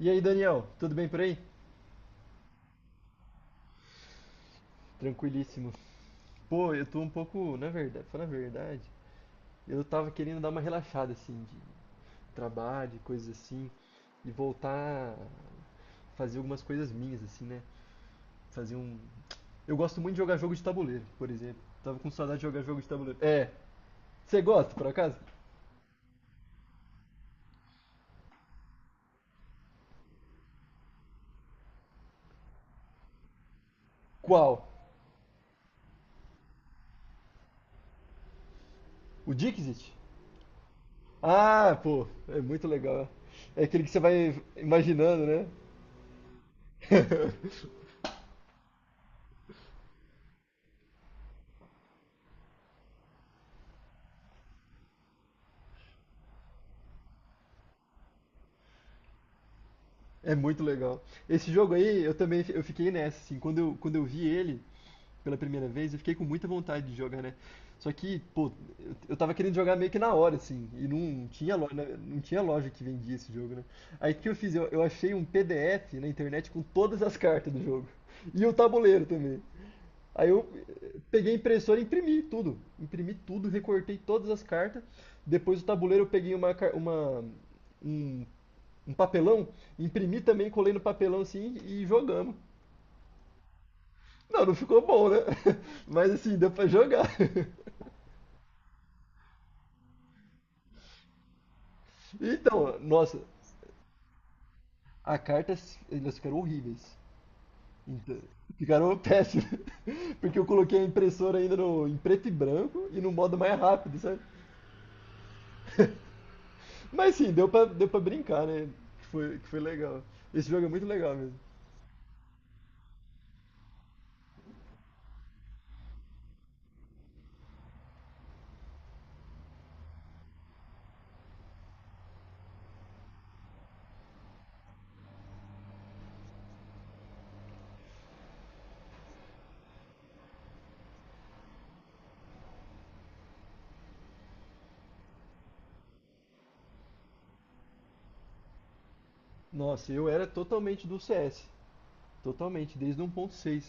E aí, Daniel, tudo bem por aí? Tranquilíssimo. Pô, eu tô um pouco, na verdade, falando a verdade, eu tava querendo dar uma relaxada assim de trabalho, de coisas assim, e voltar a fazer algumas coisas minhas assim, né? Fazer um. Eu gosto muito de jogar jogo de tabuleiro, por exemplo. Tava com saudade de jogar jogo de tabuleiro. É. Você gosta, por acaso? Qual? O Dixit? Ah, pô, é muito legal. É aquele que você vai imaginando, né? É muito legal. Esse jogo aí, eu também eu fiquei nessa, assim, quando eu vi ele pela primeira vez, eu fiquei com muita vontade de jogar, né? Só que, pô, eu tava querendo jogar meio que na hora, assim, e não tinha loja, não tinha loja que vendia esse jogo, né? Aí o que eu fiz? Eu achei um PDF na internet com todas as cartas do jogo. E o tabuleiro também. Aí eu peguei a impressora e imprimi tudo. Imprimi tudo, recortei todas as cartas. Depois do tabuleiro eu peguei uma, car- uma, um um papelão, imprimi também, colei no papelão assim e jogamos. Não, não ficou bom, né? Mas assim, deu pra jogar. Então, nossa, a carta, elas ficaram horríveis. Então, ficaram péssimas. Porque eu coloquei a impressora ainda no, em preto e branco e no modo mais rápido, sabe? Mas sim, deu pra brincar, né? Que foi legal. Esse jogo é muito legal mesmo. Nossa, eu era totalmente do CS. Totalmente, desde 1.6.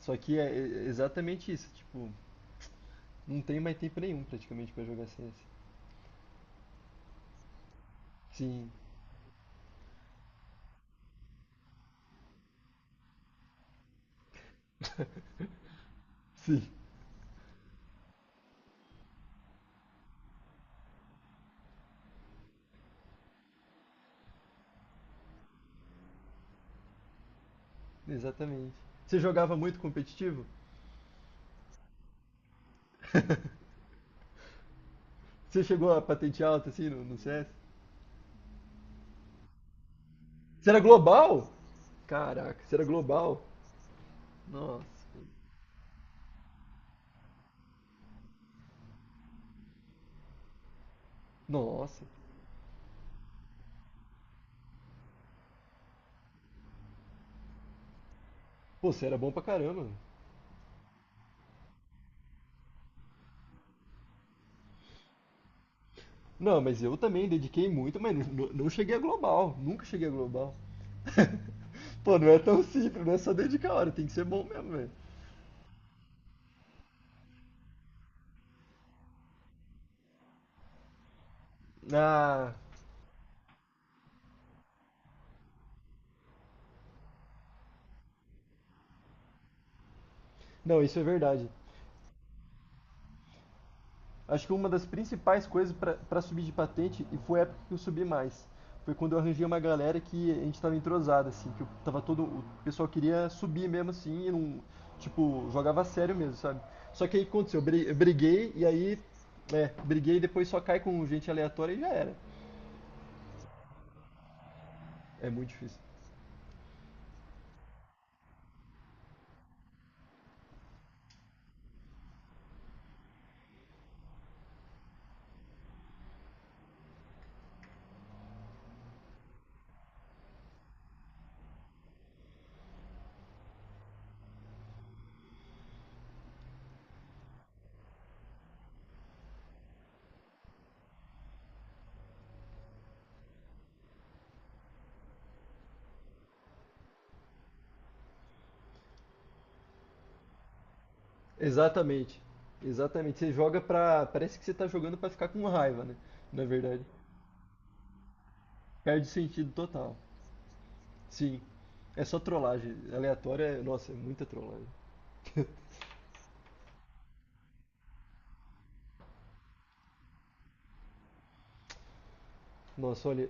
Só que é exatamente isso, tipo, não tem mais tempo nenhum praticamente pra jogar CS. Sim, sim, exatamente. Você jogava muito competitivo? Você chegou a patente alta assim no CS? Você era global? Caraca, você era global? Nossa, nossa. Pô, você era bom pra caramba. Não, mas eu também dediquei muito, mas não, não cheguei a global. Nunca cheguei a global. Pô, não é tão simples, não é só dedicar a hora, tem que ser bom mesmo, velho. Ah, não, isso é verdade. Acho que uma das principais coisas para subir de patente, e foi a época que eu subi mais, foi quando eu arranjei uma galera que a gente tava entrosado, assim, que eu tava todo. O pessoal queria subir mesmo assim, e não. Tipo, jogava a sério mesmo, sabe? Só que aí o que aconteceu, eu briguei e aí. É, briguei e depois só cai com gente aleatória e já era. É muito difícil. Exatamente. Exatamente. Você joga pra. Parece que você tá jogando pra ficar com raiva, né? Na verdade. Perde o sentido total. Sim. É só trollagem. Aleatória, nossa, é muita trollagem. Nossa, olha,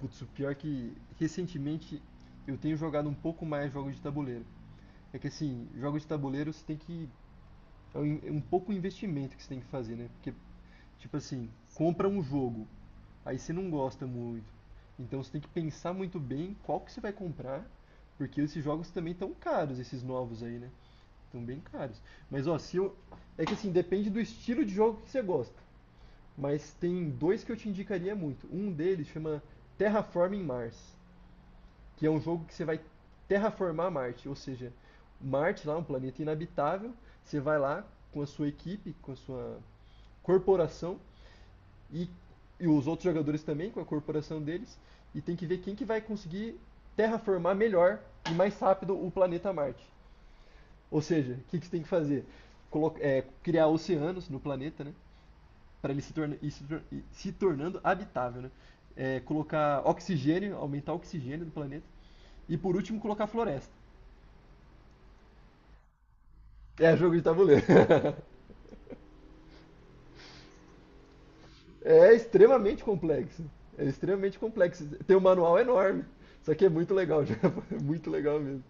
putz, o pior é que recentemente eu tenho jogado um pouco mais jogos de tabuleiro. É que assim, jogos de tabuleiro você tem que. É um pouco o investimento que você tem que fazer, né? Porque, tipo assim, compra um jogo, aí você não gosta muito. Então você tem que pensar muito bem qual que você vai comprar, porque esses jogos também estão caros, esses novos aí, né? Estão bem caros. Mas ó, se eu. É que assim, depende do estilo de jogo que você gosta. Mas tem dois que eu te indicaria muito. Um deles chama Terraforming Mars, que é um jogo que você vai terraformar Marte, ou seja, Marte lá, é um planeta inabitável, você vai lá com a sua equipe, com a sua corporação e, e os outros jogadores também, com a corporação deles, e tem que ver quem que vai conseguir terraformar melhor e mais rápido o planeta Marte. Ou seja, o que, que você tem que fazer? Criar oceanos no planeta, né? Para ele se, torna, e se tornando habitável, né? É, colocar oxigênio, aumentar o oxigênio do planeta e por último colocar floresta. É jogo de tabuleiro. É extremamente complexo. É extremamente complexo. Tem um manual enorme. Só que é muito legal, já. É muito legal mesmo.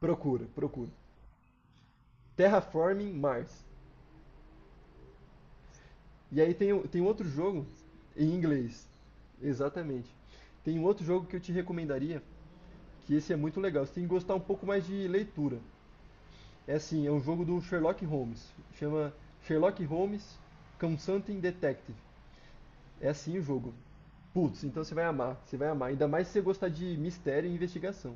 Procura, procura. Terraforming Mars. E aí tem, tem um outro jogo em inglês. Exatamente. Tem um outro jogo que eu te recomendaria, que esse é muito legal. Você tem que gostar um pouco mais de leitura. É assim, é um jogo do Sherlock Holmes. Chama Sherlock Holmes Consulting Detective. É assim o jogo. Putz, então você vai amar, você vai amar. Ainda mais se você gostar de mistério e investigação.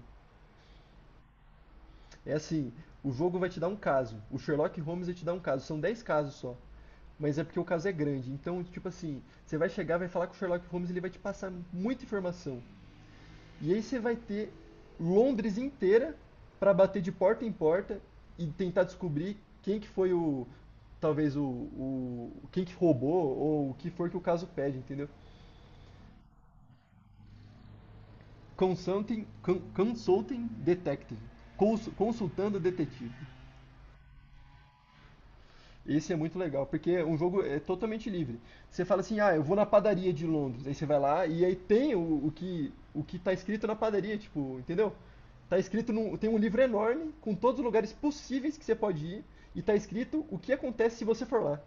É assim, o jogo vai te dar um caso. O Sherlock Holmes vai te dar um caso. São 10 casos só. Mas é porque o caso é grande. Então, tipo assim, você vai chegar, vai falar com o Sherlock Holmes, e ele vai te passar muita informação. E aí você vai ter Londres inteira para bater de porta em porta e tentar descobrir quem que foi o talvez o quem que roubou ou o que for que o caso pede, entendeu? Consulting detective, consultando detetive. Esse é muito legal, porque é um jogo é totalmente livre. Você fala assim, ah, eu vou na padaria de Londres, aí você vai lá e aí tem o que tá escrito na padaria, tipo, entendeu? Tá escrito num, tem um livro enorme com todos os lugares possíveis que você pode ir e tá escrito o que acontece se você for lá.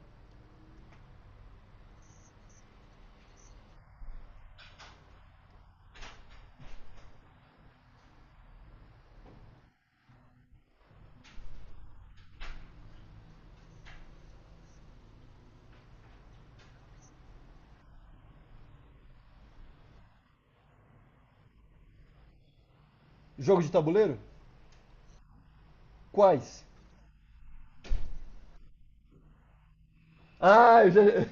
Jogo de tabuleiro? Quais? Ah, eu já.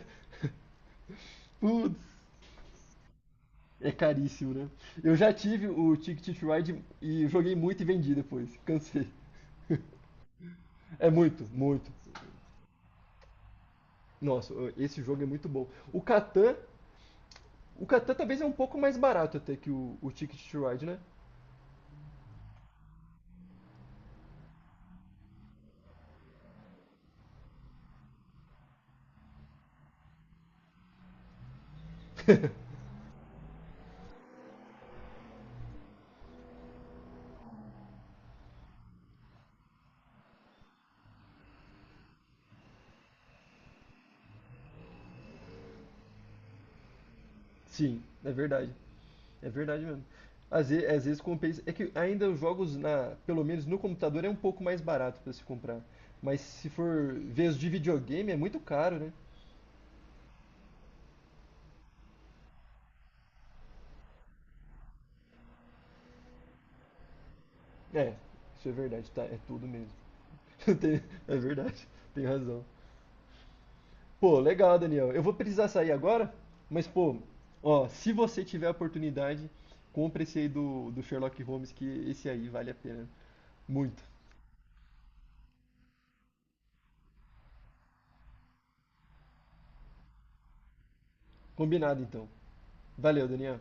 Putz, é caríssimo, né? Eu já tive o Ticket to Ride e joguei muito e vendi depois, cansei. É muito, muito. Nossa, esse jogo é muito bom. O Catan, o Catan talvez é um pouco mais barato até que o Ticket to Ride, né? Sim, é verdade. É verdade mesmo. Às vezes, compensa. É que ainda os jogos, na, pelo menos no computador, é um pouco mais barato para se comprar. Mas se for ver os de videogame, é muito caro, né? É, isso é verdade, tá? É tudo mesmo. Tem-. É verdade, tem razão. Pô, legal, Daniel. Eu vou precisar sair agora, mas, pô, ó, se você tiver a oportunidade, compre esse aí do, do Sherlock Holmes, que esse aí vale a pena. Muito. Combinado, então. Valeu, Daniel.